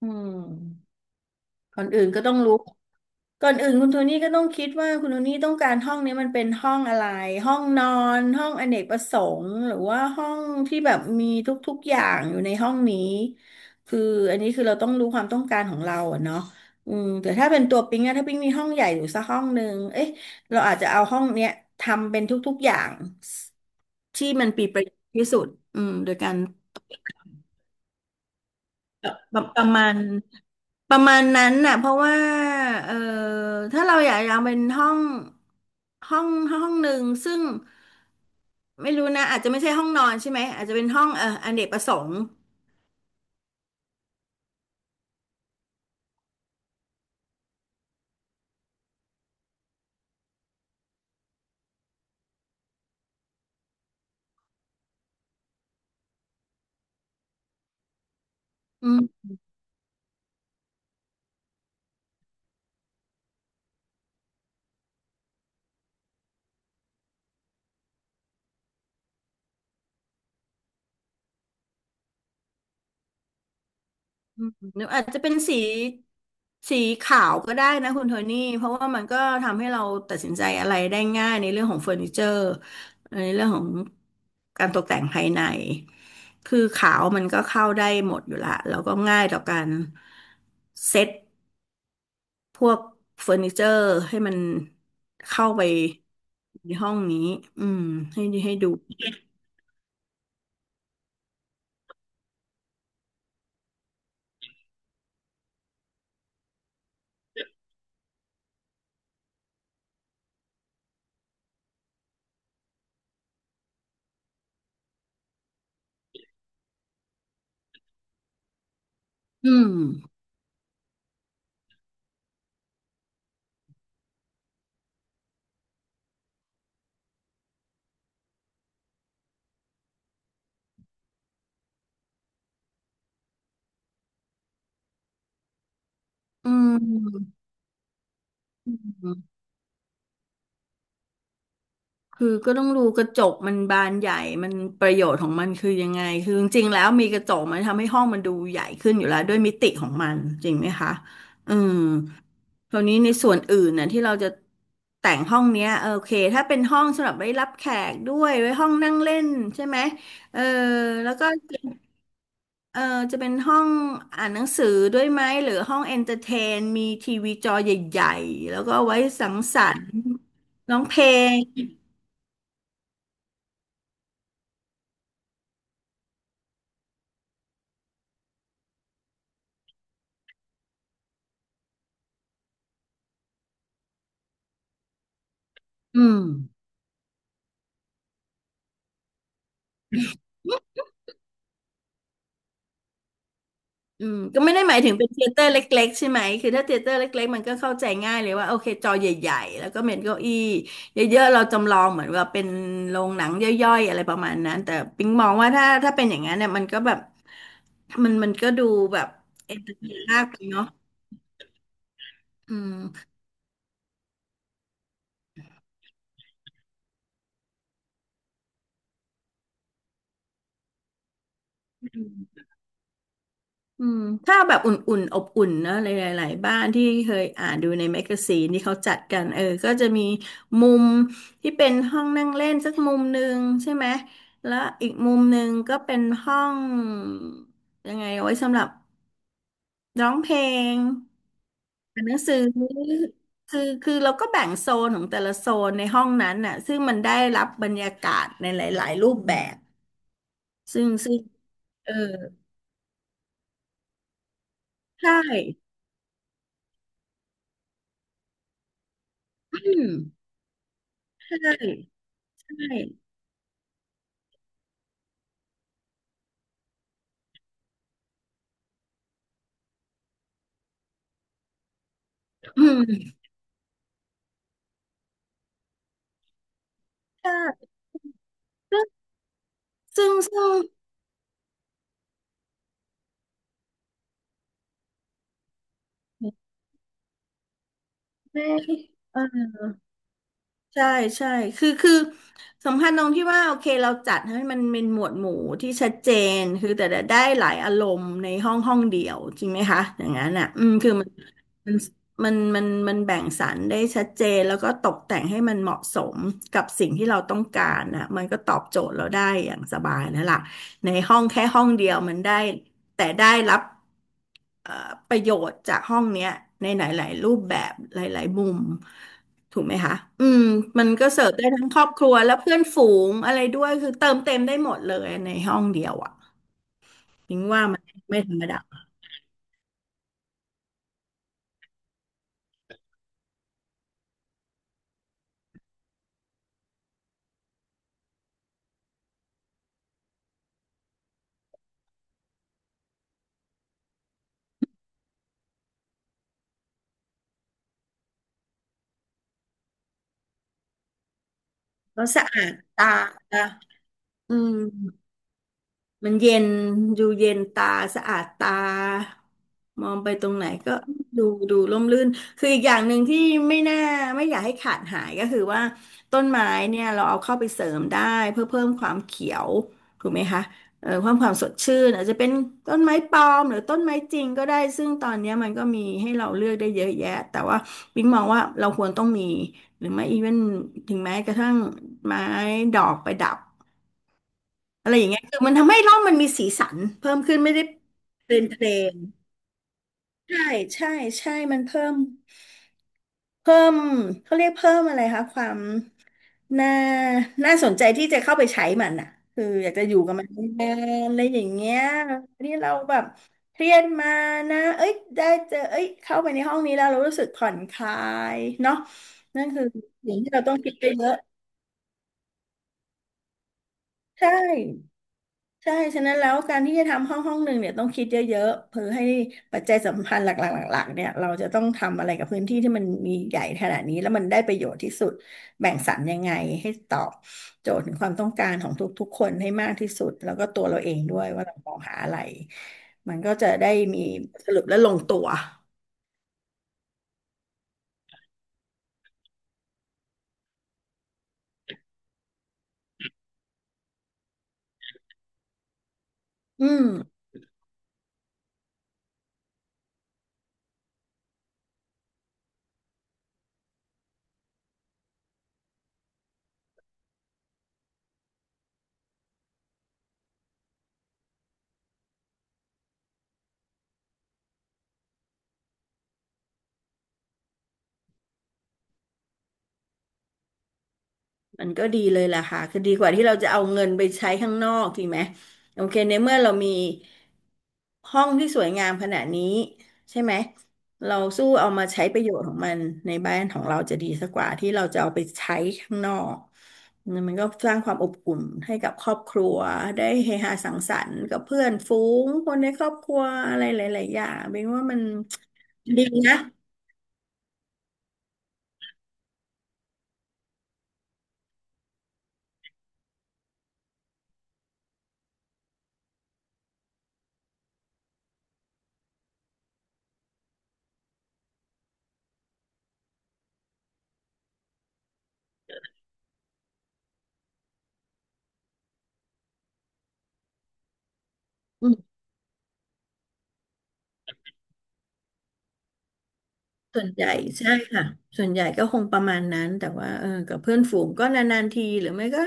อืมก่อนอื่นก็ต้องรู้ก่อนอื่นคุณโทนี่ก็ต้องคิดว่าคุณโทนี่ต้องการห้องนี้มันเป็นห้องอะไรห้องนอนห้องอเนกประสงค์หรือว่าห้องที่แบบมีทุกๆอย่างอยู่ในห้องนี้คืออันนี้คือเราต้องรู้ความต้องการของเราอะเนาะอืมแต่ถ้าเป็นตัวปิ๊งอะถ้าปิ๊งมีห้องใหญ่อยู่สักห้องหนึ่งเอ๊ะเราอาจจะเอาห้องเนี้ยทำเป็นทุกๆอย่างที่มันปีประโยชน์ที่สุดอืมโดยการ ประมาณประมาณนั้นน่ะเพราะว่าเออถ้าเราอยากจะเอาเป็นห้องห้องหนึ่งซึ่งไม่รู้นะอาจจะไม่ใช่ห้องนอนใช่ไหมอาจจะเป็นห้องเอออเนกประสงค์อืม หรืออาจจะเป็นสีสีขาวก็ได้นะคุณโทนี่เพราะว่ามันก็ทำให้เราตัดสินใจอะไรได้ง่ายในเรื่องของเฟอร์นิเจอร์ในเรื่องของการตกแต่งภายในคือขาวมันก็เข้าได้หมดอยู่ละแล้วก็ง่ายต่อการเซ็ตพวกเฟอร์นิเจอร์ให้มันเข้าไปในห้องนี้อืมให้ดูอืมอืม คือก็ต้องดูกระจกมันบานใหญ่มันประโยชน์ของมันคือยังไงคือจริงๆแล้วมีกระจกมันทำให้ห้องมันดูใหญ่ขึ้นอยู่แล้วด้วยมิติของมันจริงไหมคะอืมคราวนี้ในส่วนอื่นน่ะที่เราจะแต่งห้องเนี้ยโอเคถ้าเป็นห้องสำหรับไว้รับแขกด้วยไว้ห้องนั่งเล่นใช่ไหมเออแล้วก็เออจะเป็นห้องอ่านหนังสือด้วยไหมหรือห้องเอนเตอร์เทนมีทีวีจอใหญ่ๆแล้วก็ไว้สังสรรค์ร้องเพลงอืม อืมก็ไม่ได้หมายถึงเป็นเทยเตอร์เล็กๆใช่ไหมคือถ้าเทยเตอร์เล็กๆมันก็เข้าใจง่ายเลยว่าโอเคจอใหญ่ๆแล้วก็เม็นเก้าอี้เยอะๆเราจำลองเหมือนว่าเป็นโรงหนังย่อยๆอะไรประมาณนั้นแต่ปิ๊งมองว่าถ้าเป็นอย่างนั้นเนี่ยมันก็แบบมันก็ดูแบบเอนเตอร์เทนมากไปเนาะอืม อืมถ้าแบบอุ่นๆอบอุ่นนะหลายๆหลายบ้านที่เคยอ่านดูในแมกกาซีนที่เขาจัดกันก็จะมีมุมที่เป็นห้องนั่งเล่นสักมุมหนึ่งใช่ไหมแล้วอีกมุมหนึ่งก็เป็นห้องยังไงเอาไว้สำหรับร้องเพลงอ่านหนังสือคือเราก็แบ่งโซนของแต่ละโซนในห้องนั้นน่ะซึ่งมันได้รับบรรยากาศในหลายๆรูปแบบซึ่งเออใช่อืมใช่ใช่อืม ใช่ซึ่งซึ่งแม่เออใช่ใช่คือสำคัญตรงที่ว่าโอเคเราจัดให้มันเป็นหมวดหมู่ที่ชัดเจนคือแต่ละได้หลายอารมณ์ในห้องห้องเดียวจริงไหมคะอย่างนั้นอ่ะอืมคือมันมันแบ่งสรรได้ชัดเจนแล้วก็ตกแต่งให้มันเหมาะสมกับสิ่งที่เราต้องการนะมันก็ตอบโจทย์เราได้อย่างสบายแล้วล่ะในห้องแค่ห้องเดียวมันได้แต่ได้รับ เอ่อประโยชน์จากห้องเนี้ยในหลายๆ รูปแบบหลายๆมุมถูกไหมคะ อืม มันก็เสิร์ฟได้ทั้งครอบครัวและเพื่อนฝูงอะไรด้วยคือเติมเต็มได้หมดเลยในห้องเดียวอ่ะพิงว่ามันไม่ธรรมดาแล้วสะอาดตาออืม มันเย็นดูเย็นตาสะอาดตามองไปตรงไหนก็ดูร่มรื่นคืออีกอย่างหนึ่งที่ไม่น่าไม่อยากให้ขาดหายก็คือว่าต้นไม้เนี่ยเราเอาเข้าไปเสริมได้เพื่อเพิ่มความเขียวถูกไหมคะความสดชื่นอาจจะเป็นต้นไม้ปลอมหรือต้นไม้จริงก็ได้ซึ่งตอนเนี้ยมันก็มีให้เราเลือกได้เยอะแยะแต่ว่าปิ๊งมองว่าเราควรต้องมีหรือไม่อีเวนถึงแม้กระทั่งไม้ดอกประดับ อะไรอย่างเงี้ยคือมันทำให้ร่องมันมีสีสันเพิ่มขึ้นไม่ได้เป็นเพลนๆใช่ใช่ใช่มันเพิ่มเขาเรียกเพิ่มอะไรคะความน่าน่าสนใจที่จะเข้าไปใช้มันอ่ะคืออยากจะอยู่กับมันนานๆอะไรอย่างเงี้ยนี่เราแบบเครียดมานะเอ้ยได้เจอเอ้ยเข้าไปในห้องนี้แล้วเรารู้สึกผ่อนคลายเนาะนั่นคือสิ่งที่เราต้องคิดไปเยอะใช่ ใช่ฉะนั้นแล้วการที่จะทำห้องห้องหนึ่งเนี่ยต้องคิดเยอะๆเพื่อให้ปัจจัยสำคัญหลักๆหลักๆเนี่ยเราจะต้องทำอะไรกับพื้นที่ที่มันมีใหญ่ขนาดนี้แล้วมันได้ประโยชน์ที่สุดแบ่งสรรยังไงให้ตอบโจทย์ถึงความต้องการของทุกๆคนให้มากที่สุดแล้วก็ตัวเราเองด้วยว่าเรามองหาอะไรมันก็จะได้มีสรุปและลงตัวอืม มันก็ดีเลยล่ะค่ะคือดีกว่าที่เราจะเอาเงินไปใช้ข้างนอกจริงไหมโอเคในเมื่อเรามีห้องที่สวยงามขนาดนี้ใช่ไหมเราสู้เอามาใช้ประโยชน์ของมันในบ้านของเราจะดีสักกว่าที่เราจะเอาไปใช้ข้างนอกมันก็สร้างความอบอุ่นให้กับครอบครัวได้เฮฮาสังสรรค์กับเพื่อนฝูงคนในครอบครัวอะไรหลายๆอย่างเป็นว่ามันดีนะ ส่วนใหญ่ใช่ค่ะส่วนใหญ่ก็คงประมาณนั้นแต่ว่ากับเพื่อนฝูงก็นานๆทีหรือไม่ก็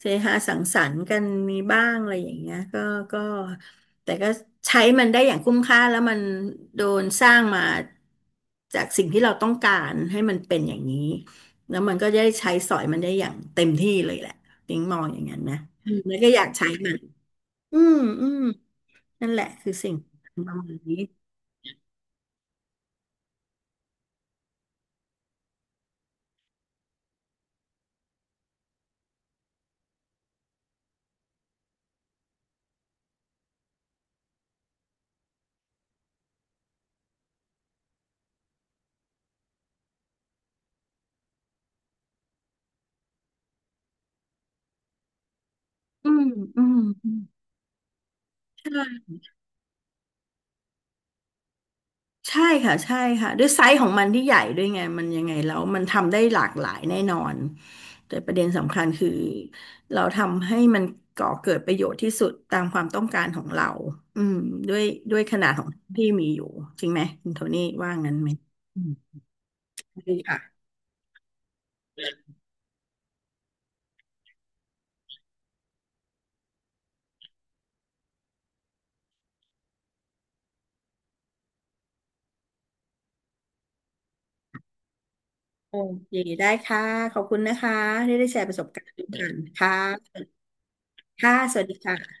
เสฮาสังสรรค์กันมีบ้างอะไรอย่างเงี้ยก็แต่ก็ใช้มันได้อย่างคุ้มค่าแล้วมันโดนสร้างมาจากสิ่งที่เราต้องการให้มันเป็นอย่างนี้แล้วมันก็ได้ใช้สอยมันได้อย่างเต็มที่เลยแหละติ้งมองอย่างนั้นนะอืมแล้วก็อยากใช้มันอืมอืมนั่นแหละคือสิ่งประมาณนี้อืมอืมอืมใช่ ใช่ค่ะใช่ค่ะด้วยไซส์ของมันที่ใหญ่ด้วยไงมันยังไงแล้วมันทำได้หลากหลายแน่นอนแต่ประเด็นสำคัญคือเราทำให้มันก่อเกิดประโยชน์ที่สุดตามความต้องการของเราอืมด้วยด้วยขนาดของที่มีอยู่จริงไหมคุณโทนี่ว่างั้นไหมอืมใชค่ะโอเคได้ค่ะขอบคุณนะคะที่ได้แชร์ประสบการณ์กันค่ะค่ะสวัสดีค่ะ